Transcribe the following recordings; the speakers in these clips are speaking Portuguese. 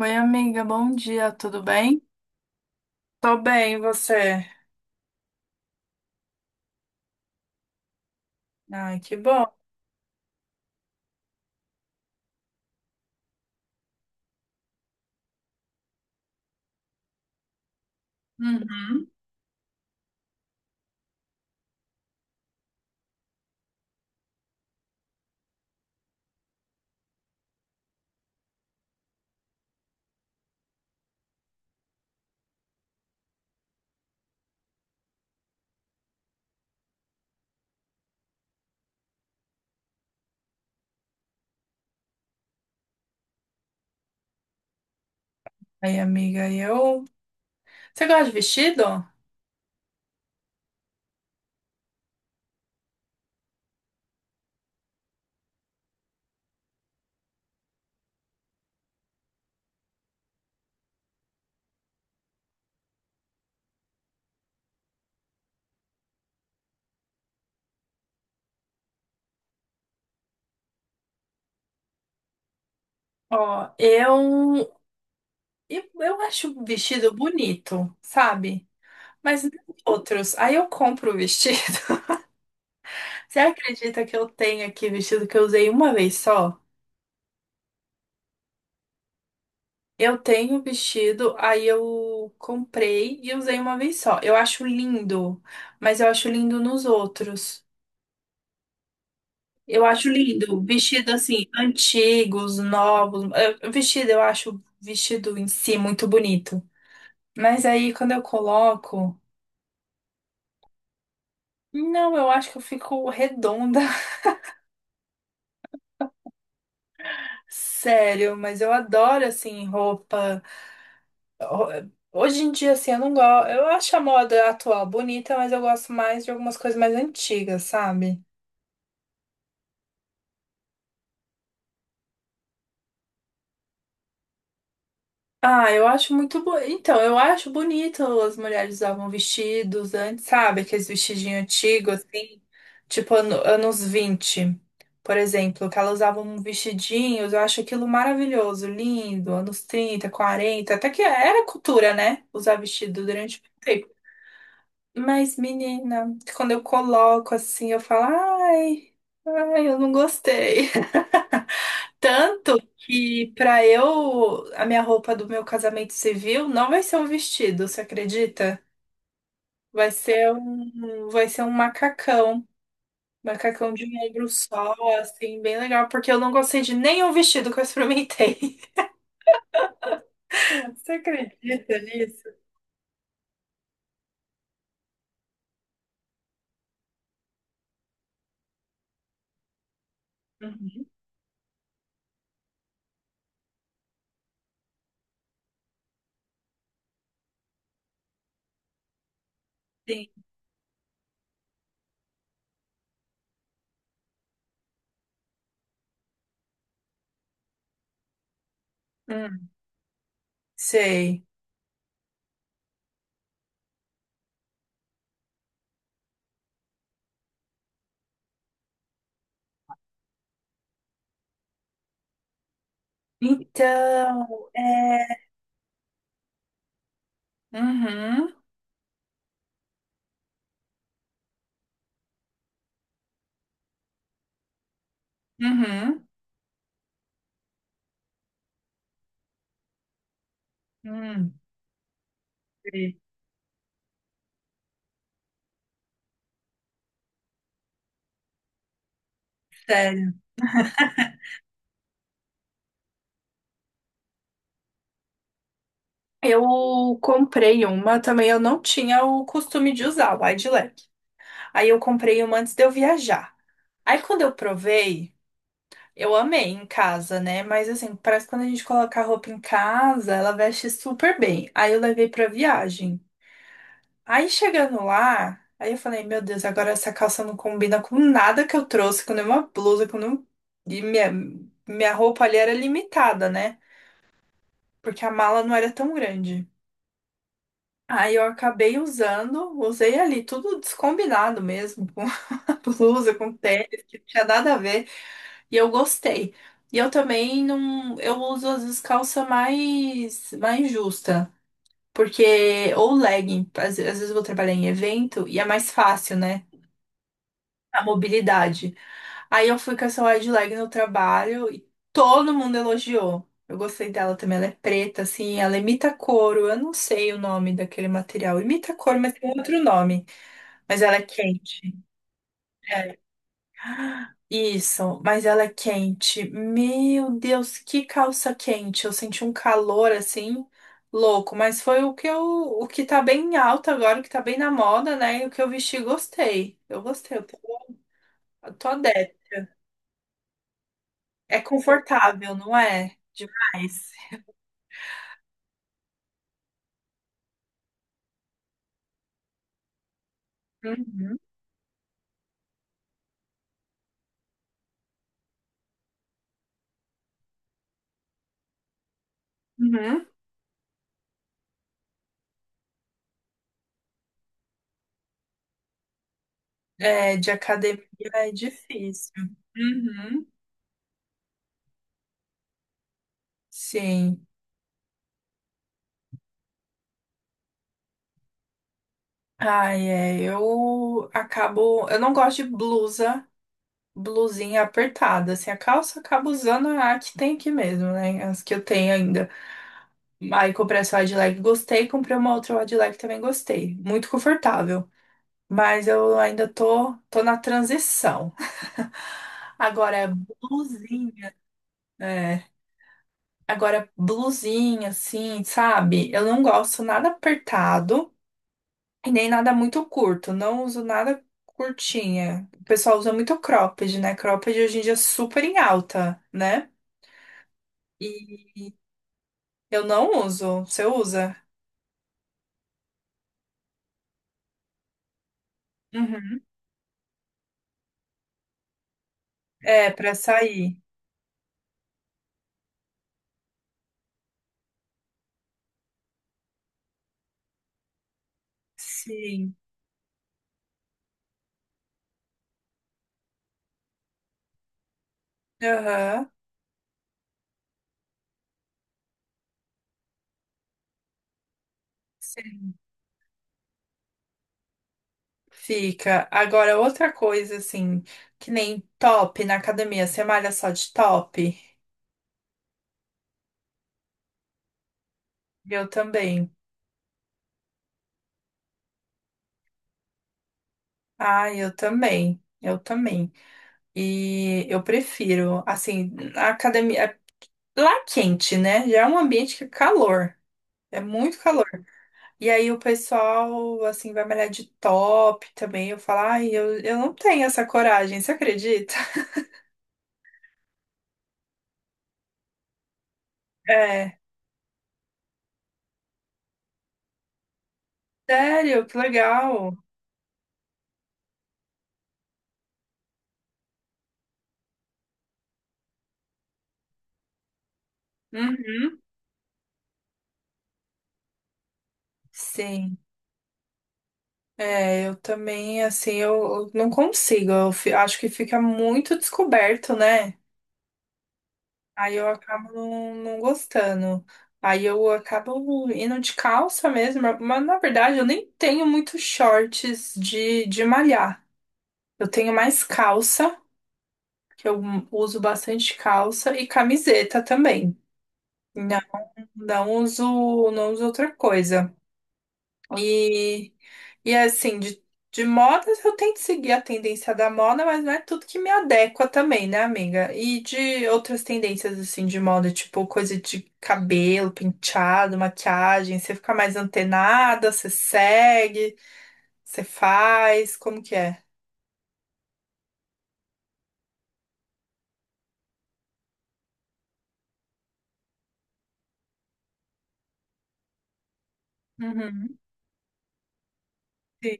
Oi, amiga, bom dia, tudo bem? Tô bem, e você? Ai, que bom. Uhum. Aí, amiga, eu. Você gosta de vestido? Ó, eu. Eu acho o vestido bonito, sabe? Mas não outros. Aí eu compro o vestido. Você acredita que eu tenho aqui vestido que eu usei uma vez só? Eu tenho vestido, aí eu comprei e usei uma vez só. Eu acho lindo, mas eu acho lindo nos outros. Eu acho lindo. Vestido assim, antigos, novos. Vestido, eu acho vestido em si muito bonito. Mas aí quando eu coloco. Não, eu acho que eu fico redonda. Sério, mas eu adoro assim, roupa. Ho- Hoje em dia, assim, eu não gosto. Eu acho a moda atual bonita, mas eu gosto mais de algumas coisas mais antigas, sabe? Ah, eu acho muito bo... Então, eu acho bonito as mulheres usavam vestidos antes, sabe? Aqueles vestidinhos antigos, assim, tipo anos 20 por exemplo, que elas usavam vestidinhos, eu acho aquilo maravilhoso, lindo, anos 30 40 até que era cultura, né? Usar vestido durante muito tempo. Mas, menina, quando eu coloco assim, eu falo, ai, ai, eu não gostei. Tanto que pra eu, a minha roupa do meu casamento civil não vai ser um vestido, você acredita? Vai ser um macacão. Macacão de um ombro só, assim, bem legal, porque eu não gostei de nenhum vestido que eu experimentei. Você acredita nisso? Uhum. Sim. Hum, sei. Então, é. Uhum, uhum, hum, sei. Sério. Eu comprei uma também, eu não tinha o costume de usar, wide leg. Aí eu comprei uma antes de eu viajar. Aí quando eu provei, eu amei em casa, né? Mas assim, parece que quando a gente coloca a roupa em casa, ela veste super bem. Aí eu levei pra viagem. Aí chegando lá, aí eu falei, meu Deus, agora essa calça não combina com nada que eu trouxe, com nenhuma blusa, com nenhum... E minha roupa ali era limitada, né? Porque a mala não era tão grande. Aí eu acabei usando, usei ali, tudo descombinado mesmo. Blusa, com tênis, que não tinha nada a ver. E eu gostei. E eu também não. Eu uso às vezes calça mais, mais justa. Porque, ou legging, às vezes eu vou trabalhar em evento e é mais fácil, né? A mobilidade. Aí eu fui com essa wide leg no trabalho e todo mundo elogiou. Eu gostei dela também, ela é preta, assim, ela imita couro. Eu não sei o nome daquele material. Imita couro, mas tem outro nome. Mas ela é quente. É. Isso, mas ela é quente. Meu Deus, que calça quente. Eu senti um calor assim louco, mas foi o que eu, o que tá bem alto agora, o que tá bem na moda, né? E o que eu vesti, gostei. Eu gostei, eu tô adepta. É confortável, não é? Demais. Uhum, uhum. É, de academia é difícil. Uhum. Sim. Ai, é, eu acabo, eu não gosto de blusa. Blusinha apertada, assim, a calça eu acabo usando a que tem aqui mesmo, né? As que eu tenho ainda. Aí comprei essa wide leg, gostei, comprei uma outra wide leg também gostei. Muito confortável. Mas eu ainda tô, tô na transição. Agora é blusinha, é. Agora blusinha, assim, sabe? Eu não gosto nada apertado e nem nada muito curto. Não uso nada curtinha. O pessoal usa muito cropped, né? Cropped hoje em dia é super em alta, né? E eu não uso. Você usa? Uhum. É, pra sair. Sim. Aham. Sim. Fica. Agora, outra coisa, assim, que nem top na academia. Você malha só de top? Eu também. Ah, eu também. Eu também. E eu prefiro, assim, a academia. Lá é quente, né? Já é um ambiente que é calor. É muito calor. E aí o pessoal, assim, vai malhar de top também. Eu falo, ai, eu não tenho essa coragem, você acredita? É, sério, que legal. Uhum. Sim, é, eu também, assim, eu não consigo. Acho que fica muito descoberto, né? Aí eu acabo não, não gostando. Aí eu acabo indo de calça mesmo, mas na verdade eu nem tenho muitos shorts de malhar. Eu tenho mais calça. Que eu uso bastante calça e camiseta também. Não, não uso, não uso outra coisa. E, e assim, de modas eu tento seguir a tendência da moda, mas não é tudo que me adequa também, né, amiga? E de outras tendências assim de moda, tipo coisa de cabelo, penteado, maquiagem, você fica mais antenada, você segue, você faz, como que é? Uhum. Sim.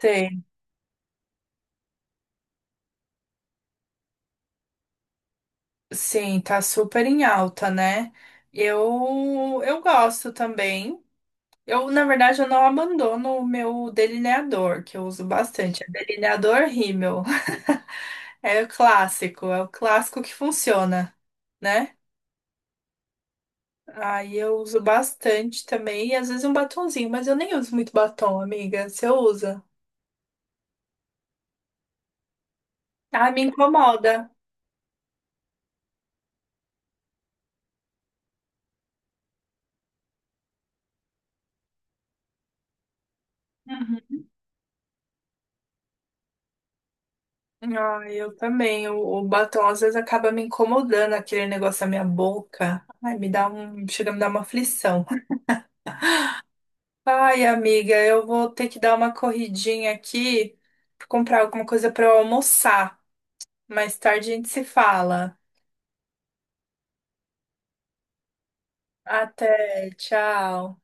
Sei. Sim, tá super em alta, né? Eu gosto também. Eu, na verdade, eu não abandono o meu delineador, que eu uso bastante. É delineador Rimmel. É o clássico que funciona, né? Aí eu uso bastante também, e às vezes um batonzinho, mas eu nem uso muito batom, amiga. Você usa? Ah, me incomoda. Ah, eu também. O batom às vezes acaba me incomodando aquele negócio na minha boca. Ai, me dá um, chega a me dar uma aflição. Ai, amiga, eu vou ter que dar uma corridinha aqui, pra comprar alguma coisa para eu almoçar. Mais tarde a gente se fala. Até, tchau.